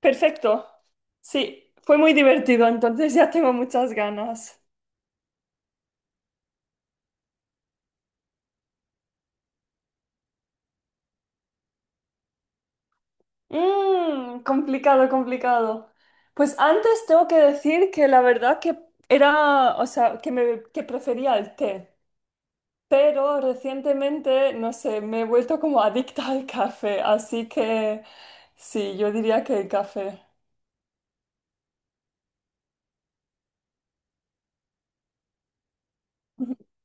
Perfecto. Sí, fue muy divertido, entonces ya tengo muchas ganas. Mm, complicado, complicado. Pues antes tengo que decir que la verdad que era, o sea, que prefería el té, pero recientemente, no sé, me he vuelto como adicta al café, así que sí, yo diría que el café.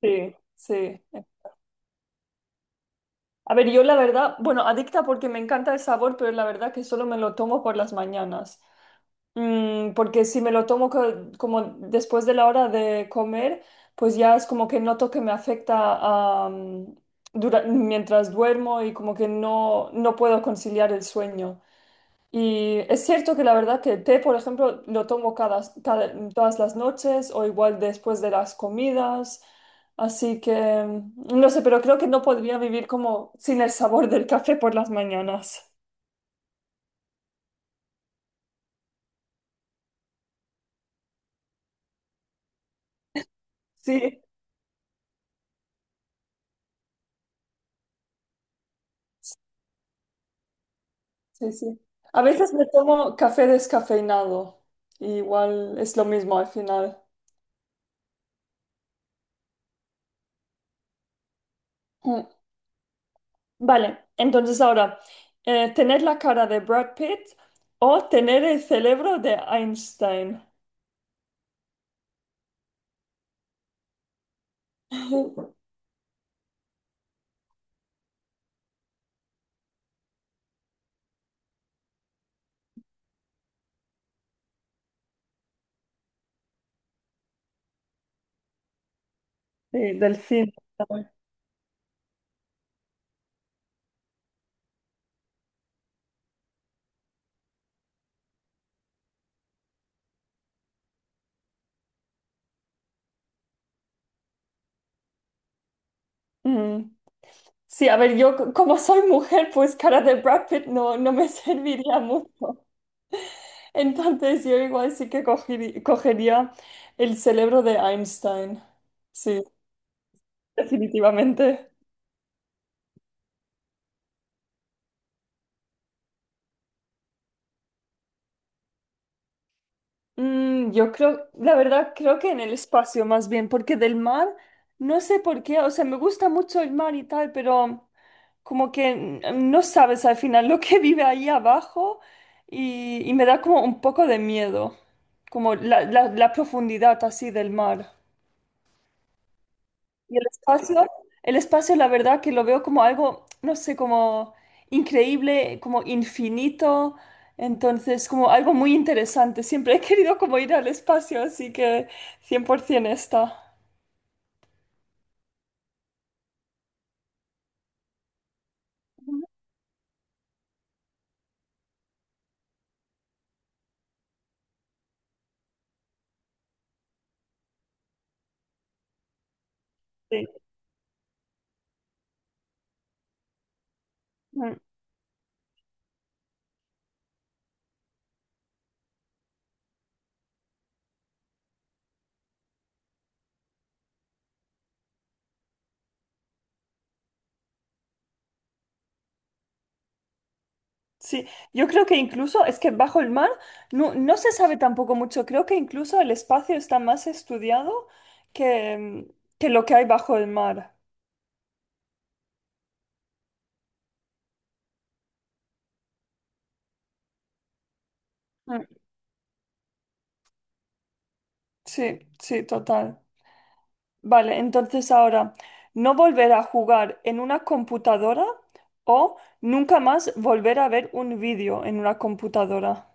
Sí, sí. A ver, yo la verdad, bueno, adicta porque me encanta el sabor, pero la verdad que solo me lo tomo por las mañanas. Mm, porque si me lo tomo como después de la hora de comer, pues ya es como que noto que me afecta mientras duermo y como que no puedo conciliar el sueño. Y es cierto que la verdad que el té, por ejemplo, lo tomo todas las noches o igual después de las comidas. Así que no sé, pero creo que no podría vivir como sin el sabor del café por las mañanas. Sí. Sí, sí. A veces me tomo café descafeinado. Y igual es lo mismo al final. Mm. Vale, entonces ahora, tener la cara de Brad Pitt o tener el cerebro de Einstein. Sí, del cine. Mm. Sí, a ver, yo como soy mujer, pues cara de Brad Pitt no me serviría mucho. Entonces yo igual sí que cogería el cerebro de Einstein. Sí, definitivamente. Mm, yo creo, la verdad, creo que en el espacio más bien, porque del mar, no sé por qué, o sea, me gusta mucho el mar y tal, pero como que no sabes al final lo que vive ahí abajo y me da como un poco de miedo, como la profundidad así del mar. Y el espacio, la verdad que lo veo como algo, no sé, como increíble, como infinito, entonces como algo muy interesante. Siempre he querido como ir al espacio, así que 100% está. Sí. Mm, sí, yo creo que incluso es que bajo el mar no se sabe tampoco mucho. Creo que incluso el espacio está más estudiado que, mm, que lo que hay bajo el mar. Mm, sí, sí, total. Vale, entonces ahora, no volver a jugar en una computadora o nunca más volver a ver un vídeo en una computadora.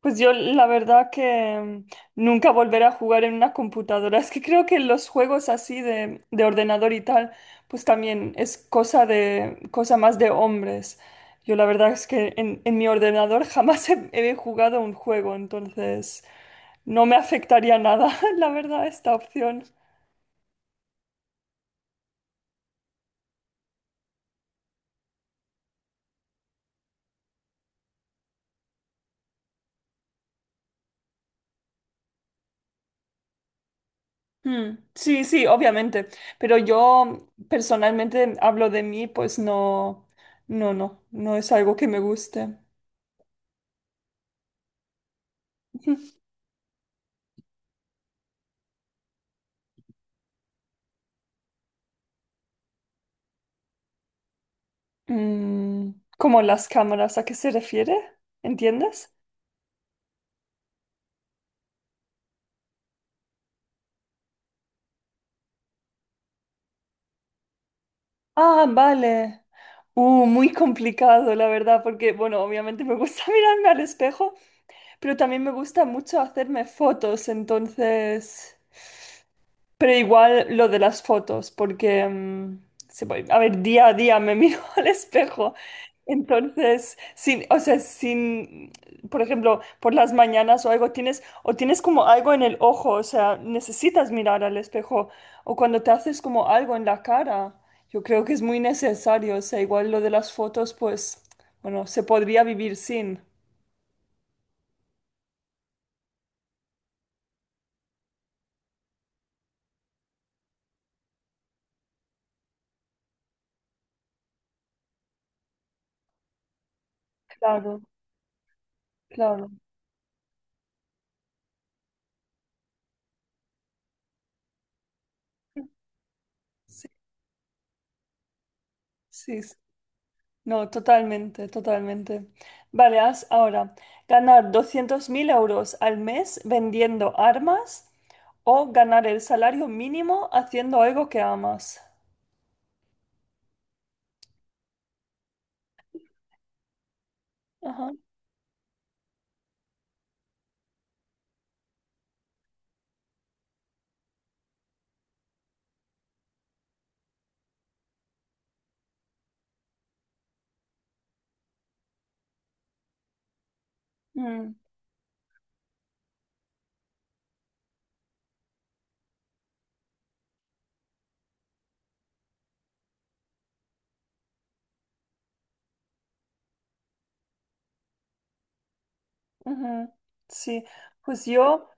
Pues yo la verdad que nunca volver a jugar en una computadora. Es que creo que los juegos así de ordenador y tal, pues también es cosa más de hombres. Yo la verdad es que en mi ordenador jamás he jugado un juego, entonces no me afectaría nada, la verdad, esta opción. Mm, sí, sí, obviamente, pero yo personalmente hablo de mí, pues no es algo que me guste. Mm, ¿cómo las cámaras? ¿A qué se refiere? ¿Entiendes? Ah, vale. Muy complicado, la verdad, porque, bueno, obviamente me gusta mirarme al espejo, pero también me gusta mucho hacerme fotos, entonces... Pero igual lo de las fotos, porque, a ver, día a día me miro al espejo. Entonces, sin, o sea, sin, por ejemplo, por las mañanas o algo, tienes, o tienes como algo en el ojo, o sea, necesitas mirar al espejo, o cuando te haces como algo en la cara, yo creo que es muy necesario, o sea, igual lo de las fotos, pues, bueno, se podría vivir sin. Claro, claro. Sí, sí, no, totalmente, totalmente. Vale, haz ahora ganar 200.000 euros al mes vendiendo armas o ganar el salario mínimo haciendo algo que amas. Ajá. Mm, ujú. Sí, pues yo,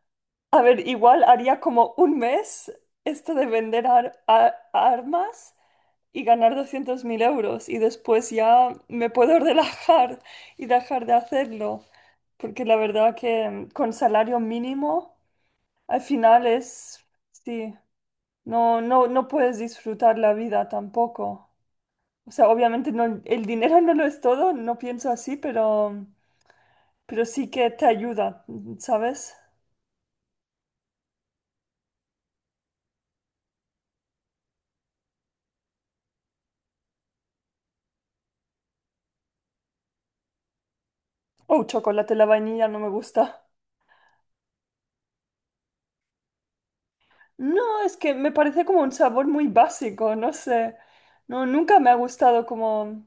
a ver, igual haría como un mes esto de vender armas y ganar 200.000 euros y después ya me puedo relajar y dejar de hacerlo. Porque la verdad que con salario mínimo al final es, sí, no puedes disfrutar la vida tampoco. O sea, obviamente no, el dinero no lo es todo, no pienso así, pero, sí que te ayuda, ¿sabes? Oh, chocolate, la vainilla no me gusta. No, es que me parece como un sabor muy básico, no sé. No, nunca me ha gustado como...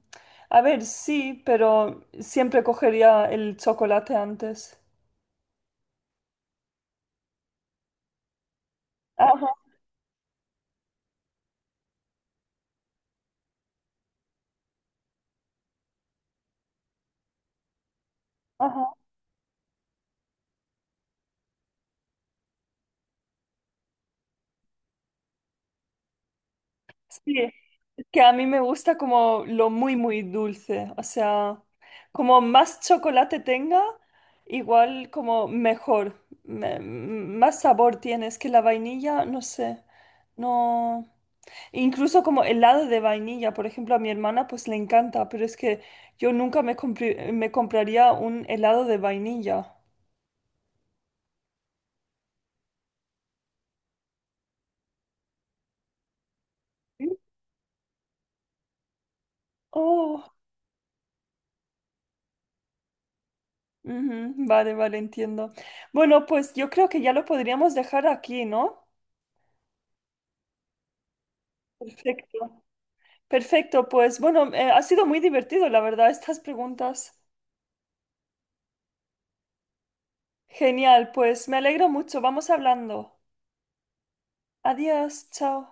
A ver, sí, pero siempre cogería el chocolate antes. Ajá, ajá. Sí, es que a mí me gusta como lo muy, muy dulce. O sea, como más chocolate tenga, igual como mejor. Más sabor tiene. Es que la vainilla, no sé. No. Incluso como helado de vainilla, por ejemplo, a mi hermana pues le encanta, pero es que yo nunca me compraría un helado de vainilla. ¿Sí? Oh, ujú, vale, vale, entiendo. Bueno, pues yo creo que ya lo podríamos dejar aquí, ¿no? Perfecto. Perfecto, pues bueno, ha sido muy divertido, la verdad, estas preguntas. Genial, pues me alegro mucho. Vamos hablando. Adiós, chao.